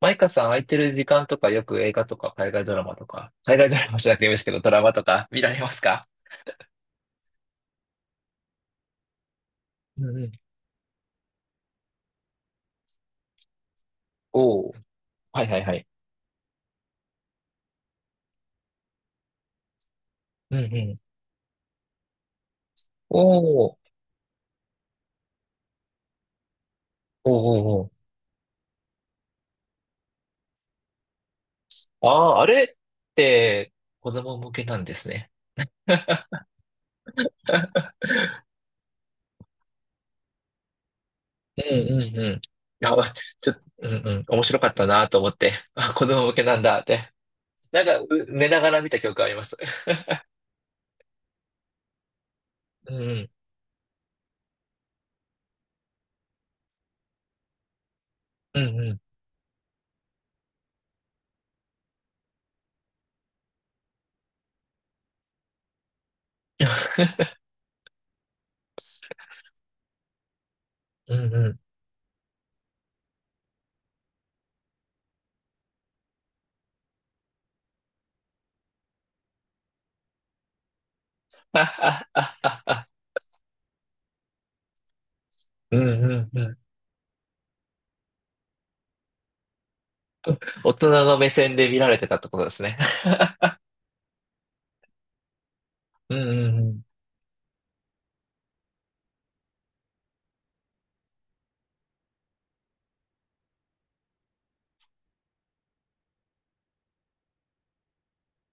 マイカさん空いてる時間とかよく映画とか海外ドラマとか、海外ドラマじゃなくてもいいですけど、ドラマとか見られますか？うんうん。おお。はいはいはい。うんうん。おお。おおおお。ああ、あれって子供向けなんですね。うんうんうん。いや、ちょっと、うんうん。面白かったなと思って。あ、子供向けなんだって。寝ながら見た記憶あります。うんうん。うんうん。うんうん。あああああ。うんうんうん。大人の目線で見られてたってことですね。うんうん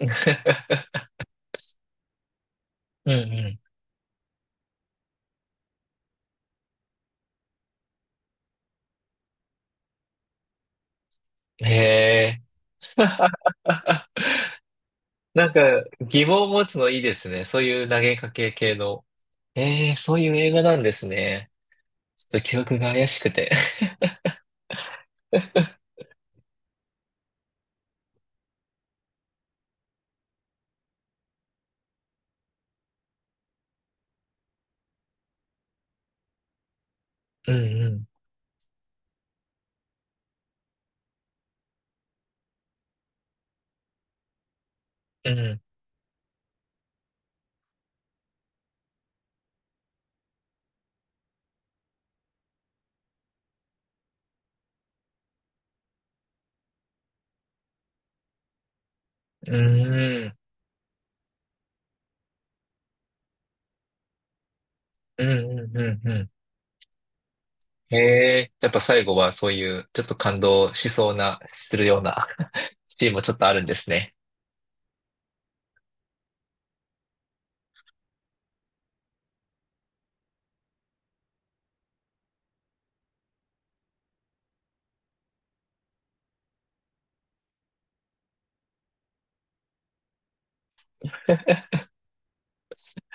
うん。うんうん。へえ。なんか疑問を持つのいいですね。そういう投げかけ系の。ええ、そういう映画なんですね。ちょっと記憶が怪しくて。うんうん。うん。うん。うんうんうんうん。へえ。やっぱ最後はそういうちょっと感動しそうな、するような シーンもちょっとあるんですね。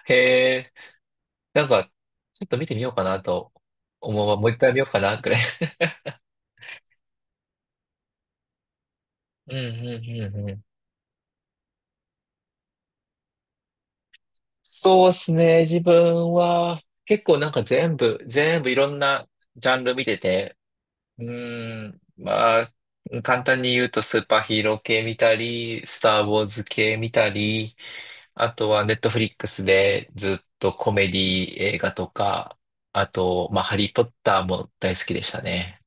へえ。なんか、ちょっと見てみようかなと思うわ。もう一回見ようかな、くらい。うんうんうんうん。そうですね。自分は結構なんか全部いろんなジャンル見てて、まあ、簡単に言うとスーパーヒーロー系見たり、スター・ウォーズ系見たり、あとはネットフリックスでずっとコメディ映画とか、あと、まあ、ハリー・ポッターも大好きでしたね。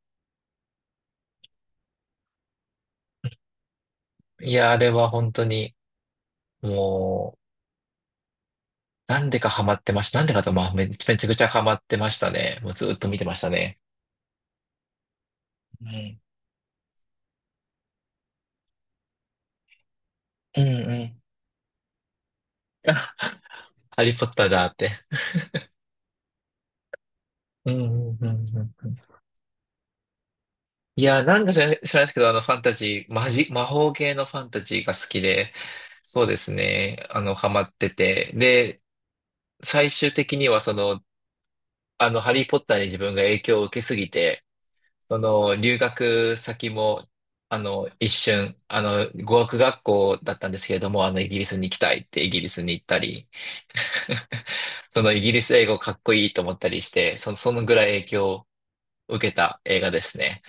いや、あれは本当に、もう、なんでかハマってました。なんでかと、まあ、めちゃくちゃハマってましたね。もうずっと見てましたね。うん。うんうん。あハリーポッターだって。うんうんうんうんうん。いや、なんか知らないですけど、あの、ファンタジー、マジ、魔法系のファンタジーが好きで、そうですね、あの、ハマってて、で、最終的にはその、あの、ハリーポッターに自分が影響を受けすぎて、その留学先も、あの、一瞬、あの、語学学校だったんですけれども、あの、イギリスに行きたいってイギリスに行ったり、そのイギリス英語かっこいいと思ったりして、その、そのぐらい影響を受けた映画ですね。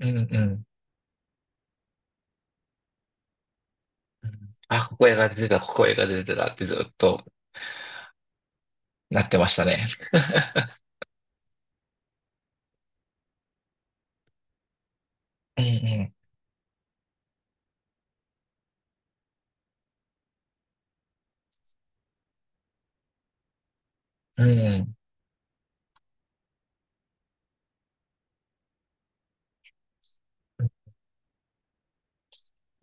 うんうん。うんあ、ここ映画出てたってずっとなってましたね。うんうん。うん。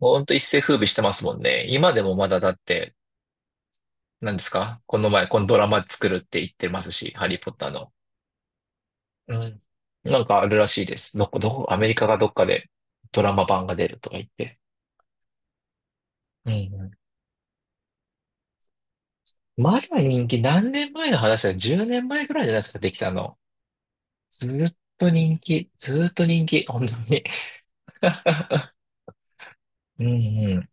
ほんと一世風靡してますもんね。今でもまだだって、何ですかこの前、このドラマ作るって言ってますし、ハリーポッターの。うん。なんかあるらしいです。どこ、どこ、アメリカがどっかでドラマ版が出るとか言って。うんうん。まだ人気、何年前の話だよ。10年前ぐらいじゃないですか、できたの。ずーっずーっと人気、本当に。うんうん。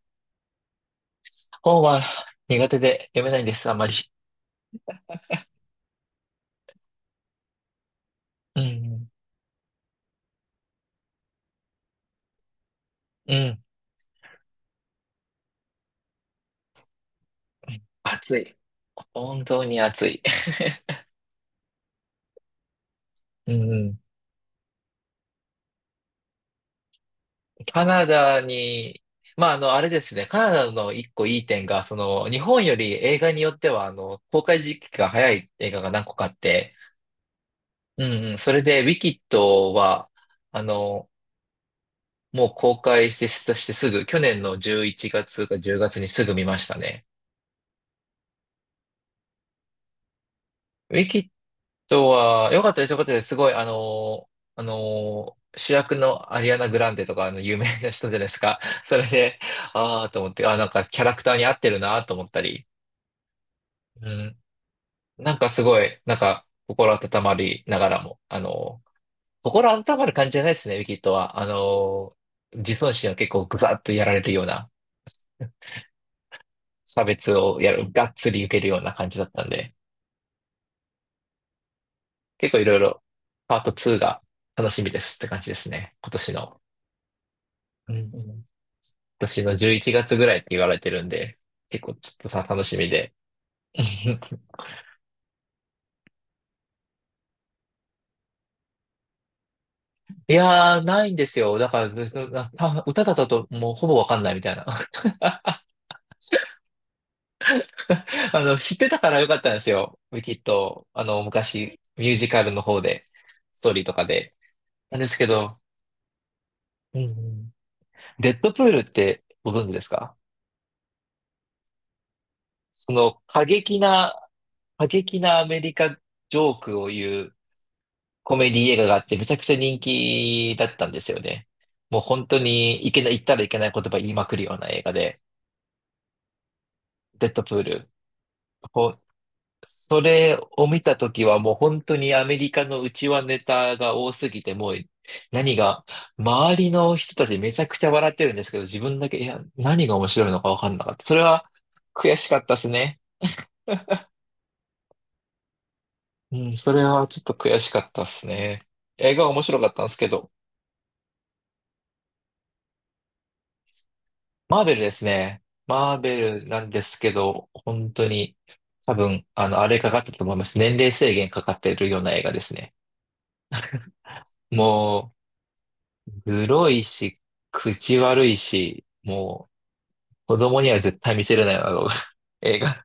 本は苦手で読めないんです、あまり。うんうん。うん。暑い。本当に暑い。うんうん。カナダに、まあ、あの、あれですね、カナダの一個いい点が、その、日本より映画によっては、あの、公開時期が早い映画が何個かあって、うんうん、それで、ウィキッドは、あの、もう公開してしてすぐ、去年の11月か10月にすぐ見ましたね。ウィキッドは、良かったです。すごい、あの、主役のアリアナ・グランデとか、あの、有名な人じゃないですか。それで、ああ、と思って、ああ、なんかキャラクターに合ってるな、と思ったり。うんなんかすごい、なんか、心温まりながらも、あの、心温まる感じじゃないですね、ウィキッドは。あの、自尊心を結構グザッとやられるような、差別をやる、がっつり受けるような感じだったんで、結構いろいろ、パート2が楽しみですって感じですね、今年の。うんうん今年の11月ぐらいって言われてるんで、結構ちょっとさ、楽しみで。いやー、ないんですよ。だから、なた歌だったともうほぼわかんないみたいな。あの、知ってたからよかったんですよ。ウィキッド、あの、昔、ミュージカルの方で、ストーリーとかで。なんですけど、うんうんデッドプールってご存知ですか？その過激な、過激なアメリカジョークを言うコメディ映画があって、めちゃくちゃ人気だったんですよね。もう本当にいけない、言ったらいけない言葉言いまくるような映画で、デッドプール。それを見たときはもう本当にアメリカの内輪ネタが多すぎて、もう何が、周りの人たちめちゃくちゃ笑ってるんですけど、自分だけ、いや、何が面白いのかわかんなかった。それは悔しかったですね。うん、それはちょっと悔しかったですね。映画は面白かったんですけど、マーベルですね。マーベルなんですけど、本当に多分、あの、あれかかってたと思います。年齢制限かかってるような映画ですね。もう、黒いし、口悪いし、もう、子供には絶対見せれないような動画 映画。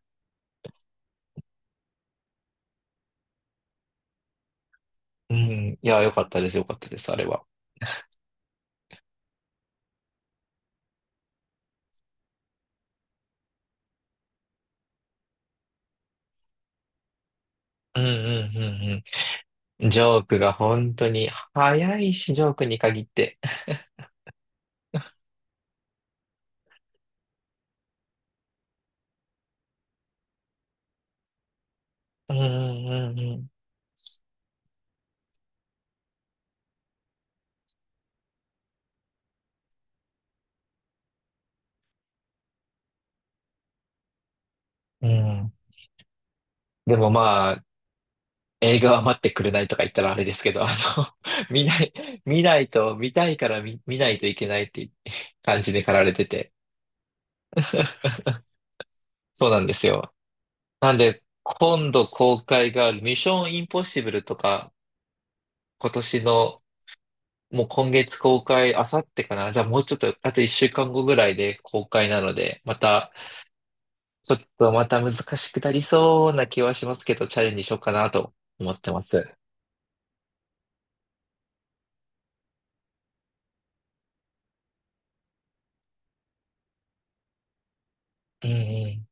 うん。いや、よかったです、あれは。うんうんうんうん。ジョークが本当に早いし、ジョークに限って。うんうんうんうん。うん。でもまあ、映画は待ってくれないとか言ったらあれですけど、あの、見ない、見ないと、見たいから見、見ないといけないって感じで駆られてて。そうなんですよ。なんで、今度公開があるミッションインポッシブルとか、今年の、もう今月公開、あさってかな。じゃあもうちょっと、あと一週間後ぐらいで公開なので、また、ちょっとまた難しくなりそうな気はしますけど、チャレンジしようかなと思ってます。うんうん。